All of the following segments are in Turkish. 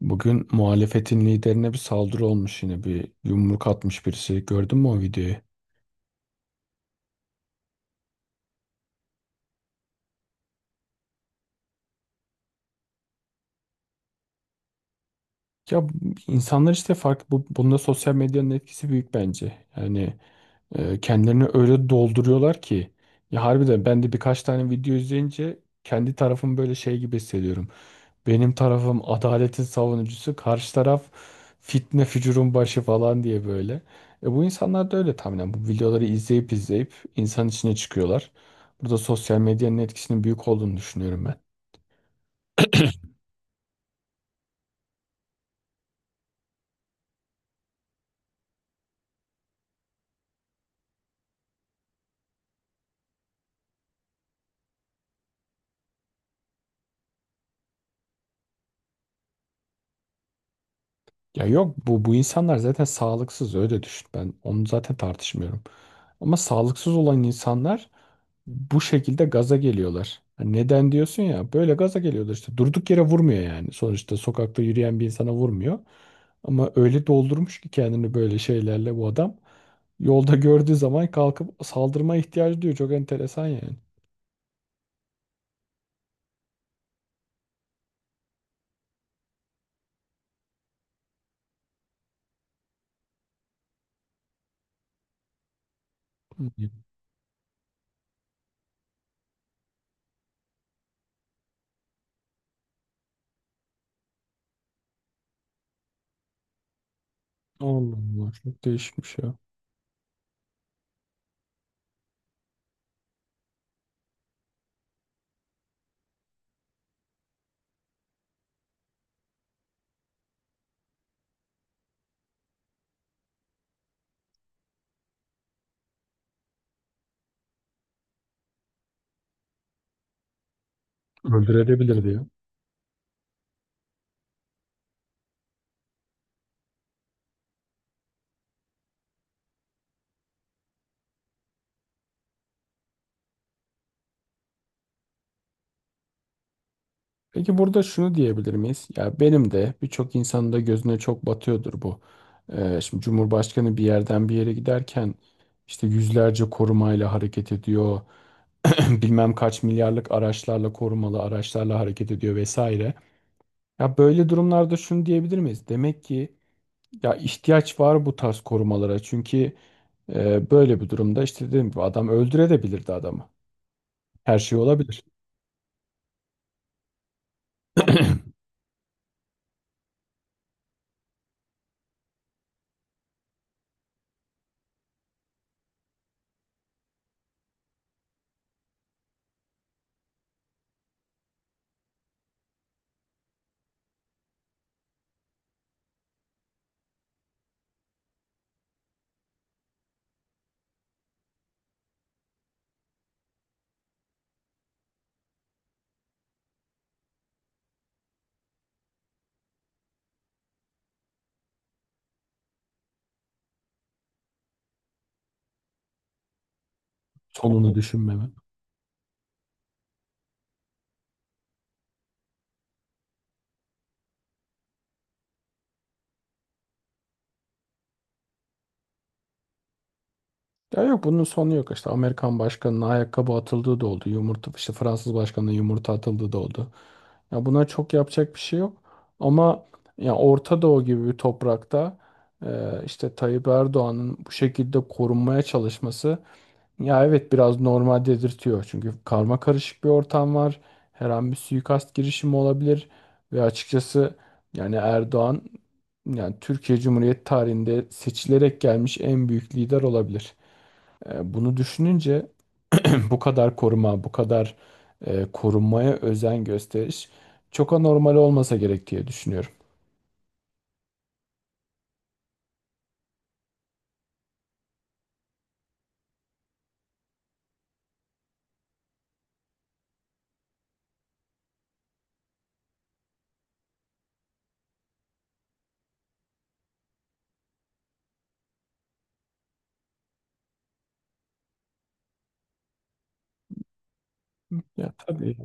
Bugün muhalefetin liderine bir saldırı olmuş yine bir yumruk atmış birisi. Gördün mü o videoyu? Ya insanlar işte farklı bunda sosyal medyanın etkisi büyük bence. Yani kendilerini öyle dolduruyorlar ki ya harbiden ben de birkaç tane video izleyince kendi tarafım böyle şey gibi hissediyorum. Benim tarafım adaletin savunucusu, karşı taraf fitne fücurun başı falan diye böyle. E bu insanlar da öyle tahminen. Bu videoları izleyip izleyip insan içine çıkıyorlar. Burada sosyal medyanın etkisinin büyük olduğunu düşünüyorum ben. Ya yok bu insanlar zaten sağlıksız öyle düşün. Ben onu zaten tartışmıyorum. Ama sağlıksız olan insanlar bu şekilde gaza geliyorlar. Hani neden diyorsun ya? Böyle gaza geliyorlar işte. Durduk yere vurmuyor yani. Sonuçta sokakta yürüyen bir insana vurmuyor. Ama öyle doldurmuş ki kendini böyle şeylerle bu adam. Yolda gördüğü zaman kalkıp saldırmaya ihtiyacı duyuyor. Çok enteresan yani. Hmm. Allah Allah çok değişmiş ya. Öldürebilir diyor. Peki burada şunu diyebilir miyiz? Ya benim de birçok insanın da gözüne çok batıyordur bu. Şimdi Cumhurbaşkanı bir yerden bir yere giderken işte yüzlerce korumayla hareket ediyor. Bilmem kaç milyarlık araçlarla korumalı araçlarla hareket ediyor vesaire. Ya böyle durumlarda şunu diyebilir miyiz? Demek ki ya ihtiyaç var bu tarz korumalara. Çünkü böyle bir durumda işte dedim gibi adam öldürebilirdi adamı. Her şey olabilir. Sonunu düşünmeme. Ya yok bunun sonu yok işte Amerikan başkanının ayakkabı atıldığı da oldu. Yumurta işte Fransız başkanının yumurta atıldığı da oldu. Ya buna çok yapacak bir şey yok. Ama ya Orta Doğu gibi bir toprakta işte Tayyip Erdoğan'ın bu şekilde korunmaya çalışması ya evet biraz normal dedirtiyor. Çünkü karma karışık bir ortam var. Her an bir suikast girişimi olabilir ve açıkçası yani Erdoğan yani Türkiye Cumhuriyeti tarihinde seçilerek gelmiş en büyük lider olabilir. E, bunu düşününce bu kadar koruma, bu kadar korunmaya özen gösteriş çok anormal olmasa gerek diye düşünüyorum. Ya tabii.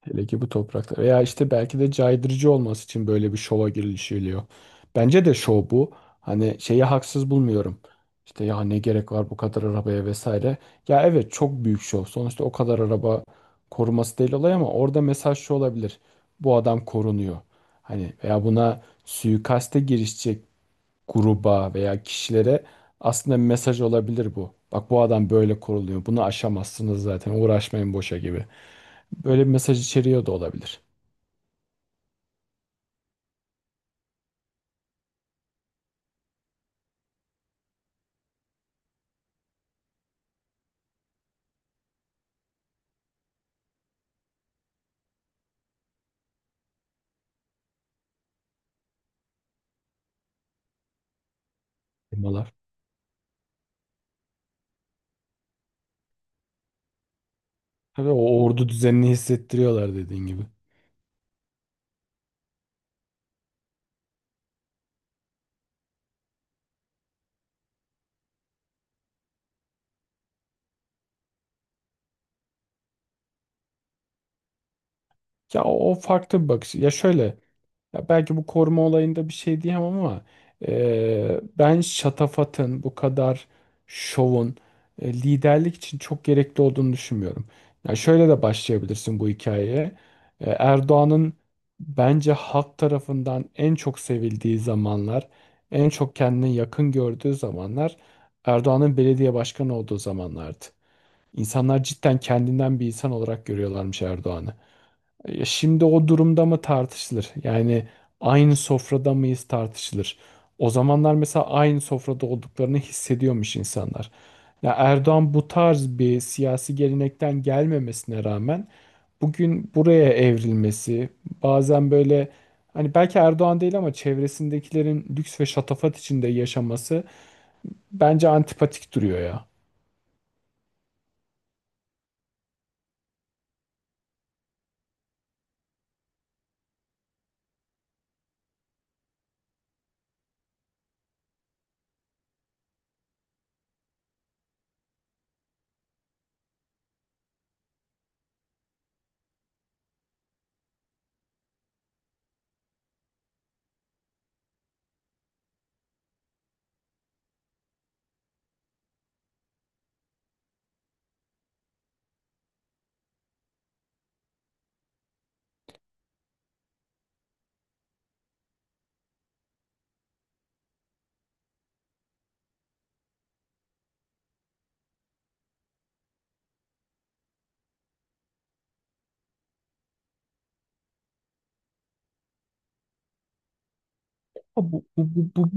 Hele ki bu toprakta. Veya işte belki de caydırıcı olması için böyle bir şova girişiliyor. Bence de şov bu. Hani şeyi haksız bulmuyorum. İşte ya ne gerek var bu kadar arabaya vesaire. Ya evet çok büyük şov. Sonuçta o kadar araba koruması değil olay ama orada mesaj şu olabilir. Bu adam korunuyor. Hani veya buna suikaste girişecek gruba veya kişilere aslında bir mesaj olabilir bu. Bak bu adam böyle koruluyor. Bunu aşamazsınız zaten. Uğraşmayın boşa gibi. Böyle bir mesaj içeriyor da olabilir. Firmalar. Tabii o ordu düzenini hissettiriyorlar dediğin gibi. O farklı bir bakış. Ya şöyle, ya belki bu koruma olayında bir şey diyemem ama ben şatafatın bu kadar şovun liderlik için çok gerekli olduğunu düşünmüyorum. Ya şöyle de başlayabilirsin bu hikayeye. E, Erdoğan'ın bence halk tarafından en çok sevildiği zamanlar, en çok kendine yakın gördüğü zamanlar Erdoğan'ın belediye başkanı olduğu zamanlardı. İnsanlar cidden kendinden bir insan olarak görüyorlarmış Erdoğan'ı. E, şimdi o durumda mı tartışılır? Yani aynı sofrada mıyız tartışılır. O zamanlar mesela aynı sofrada olduklarını hissediyormuş insanlar. Ya Erdoğan bu tarz bir siyasi gelenekten gelmemesine rağmen bugün buraya evrilmesi, bazen böyle hani belki Erdoğan değil ama çevresindekilerin lüks ve şatafat içinde yaşaması bence antipatik duruyor ya. Bu, bu, bu, bu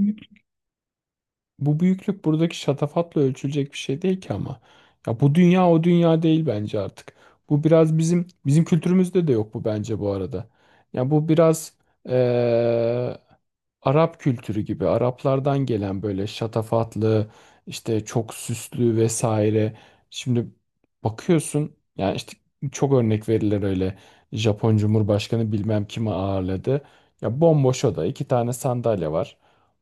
bu büyüklük buradaki şatafatla ölçülecek bir şey değil ki ama. Ya bu dünya o dünya değil bence artık. Bu biraz bizim kültürümüzde de yok bu bence bu arada. Ya bu biraz eee, Arap kültürü gibi Araplardan gelen böyle şatafatlı işte çok süslü vesaire. Şimdi bakıyorsun yani işte çok örnek verilir öyle. Japon Cumhurbaşkanı bilmem kimi ağırladı. Ya bomboş oda iki tane sandalye var.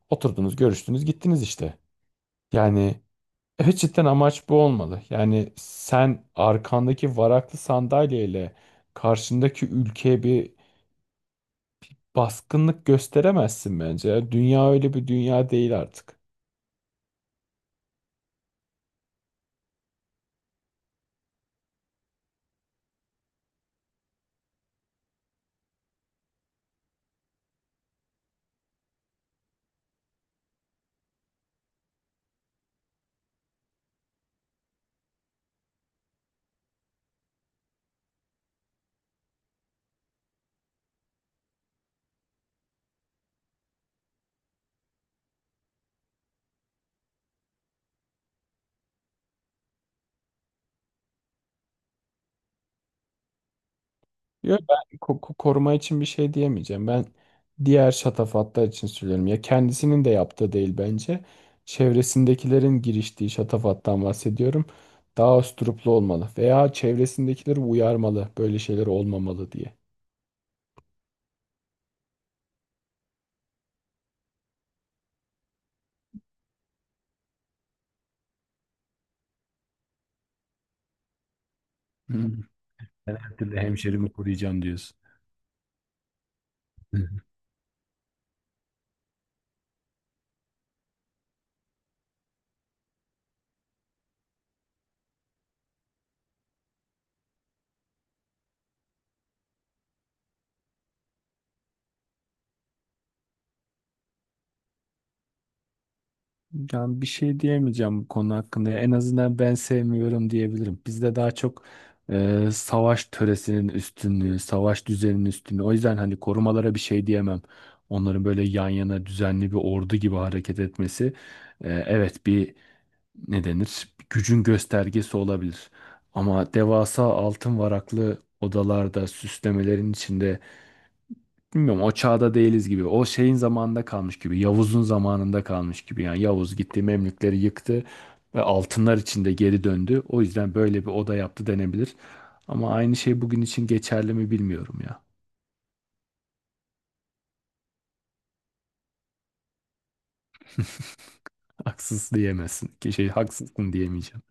Oturdunuz, görüştünüz, gittiniz işte. Yani evet cidden amaç bu olmalı. Yani sen arkandaki varaklı sandalyeyle karşındaki ülkeye bir baskınlık gösteremezsin bence. Yani dünya öyle bir dünya değil artık. Yok ben koruma için bir şey diyemeyeceğim. Ben diğer şatafatlar için söylüyorum. Ya kendisinin de yaptığı değil bence. Çevresindekilerin giriştiği şatafattan bahsediyorum. Daha usturuplu olmalı veya çevresindekileri uyarmalı. Böyle şeyler olmamalı diye. Hı. Ben her türlü hemşerimi koruyacağım diyorsun. Yani bir şey diyemeyeceğim bu konu hakkında. En azından ben sevmiyorum diyebilirim. Bizde daha çok savaş töresinin üstünlüğü, savaş düzeninin üstünlüğü. O yüzden hani korumalara bir şey diyemem. Onların böyle yan yana düzenli bir ordu gibi hareket etmesi evet bir ne denir? Bir gücün göstergesi olabilir. Ama devasa altın varaklı odalarda, süslemelerin içinde bilmiyorum o çağda değiliz gibi. O şeyin zamanında kalmış gibi. Yavuz'un zamanında kalmış gibi. Yani Yavuz gitti Memlükleri yıktı ve altınlar içinde geri döndü. O yüzden böyle bir oda yaptı denebilir. Ama aynı şey bugün için geçerli mi bilmiyorum ya. Haksız diyemezsin. Ki şey haksızsın diyemeyeceğim.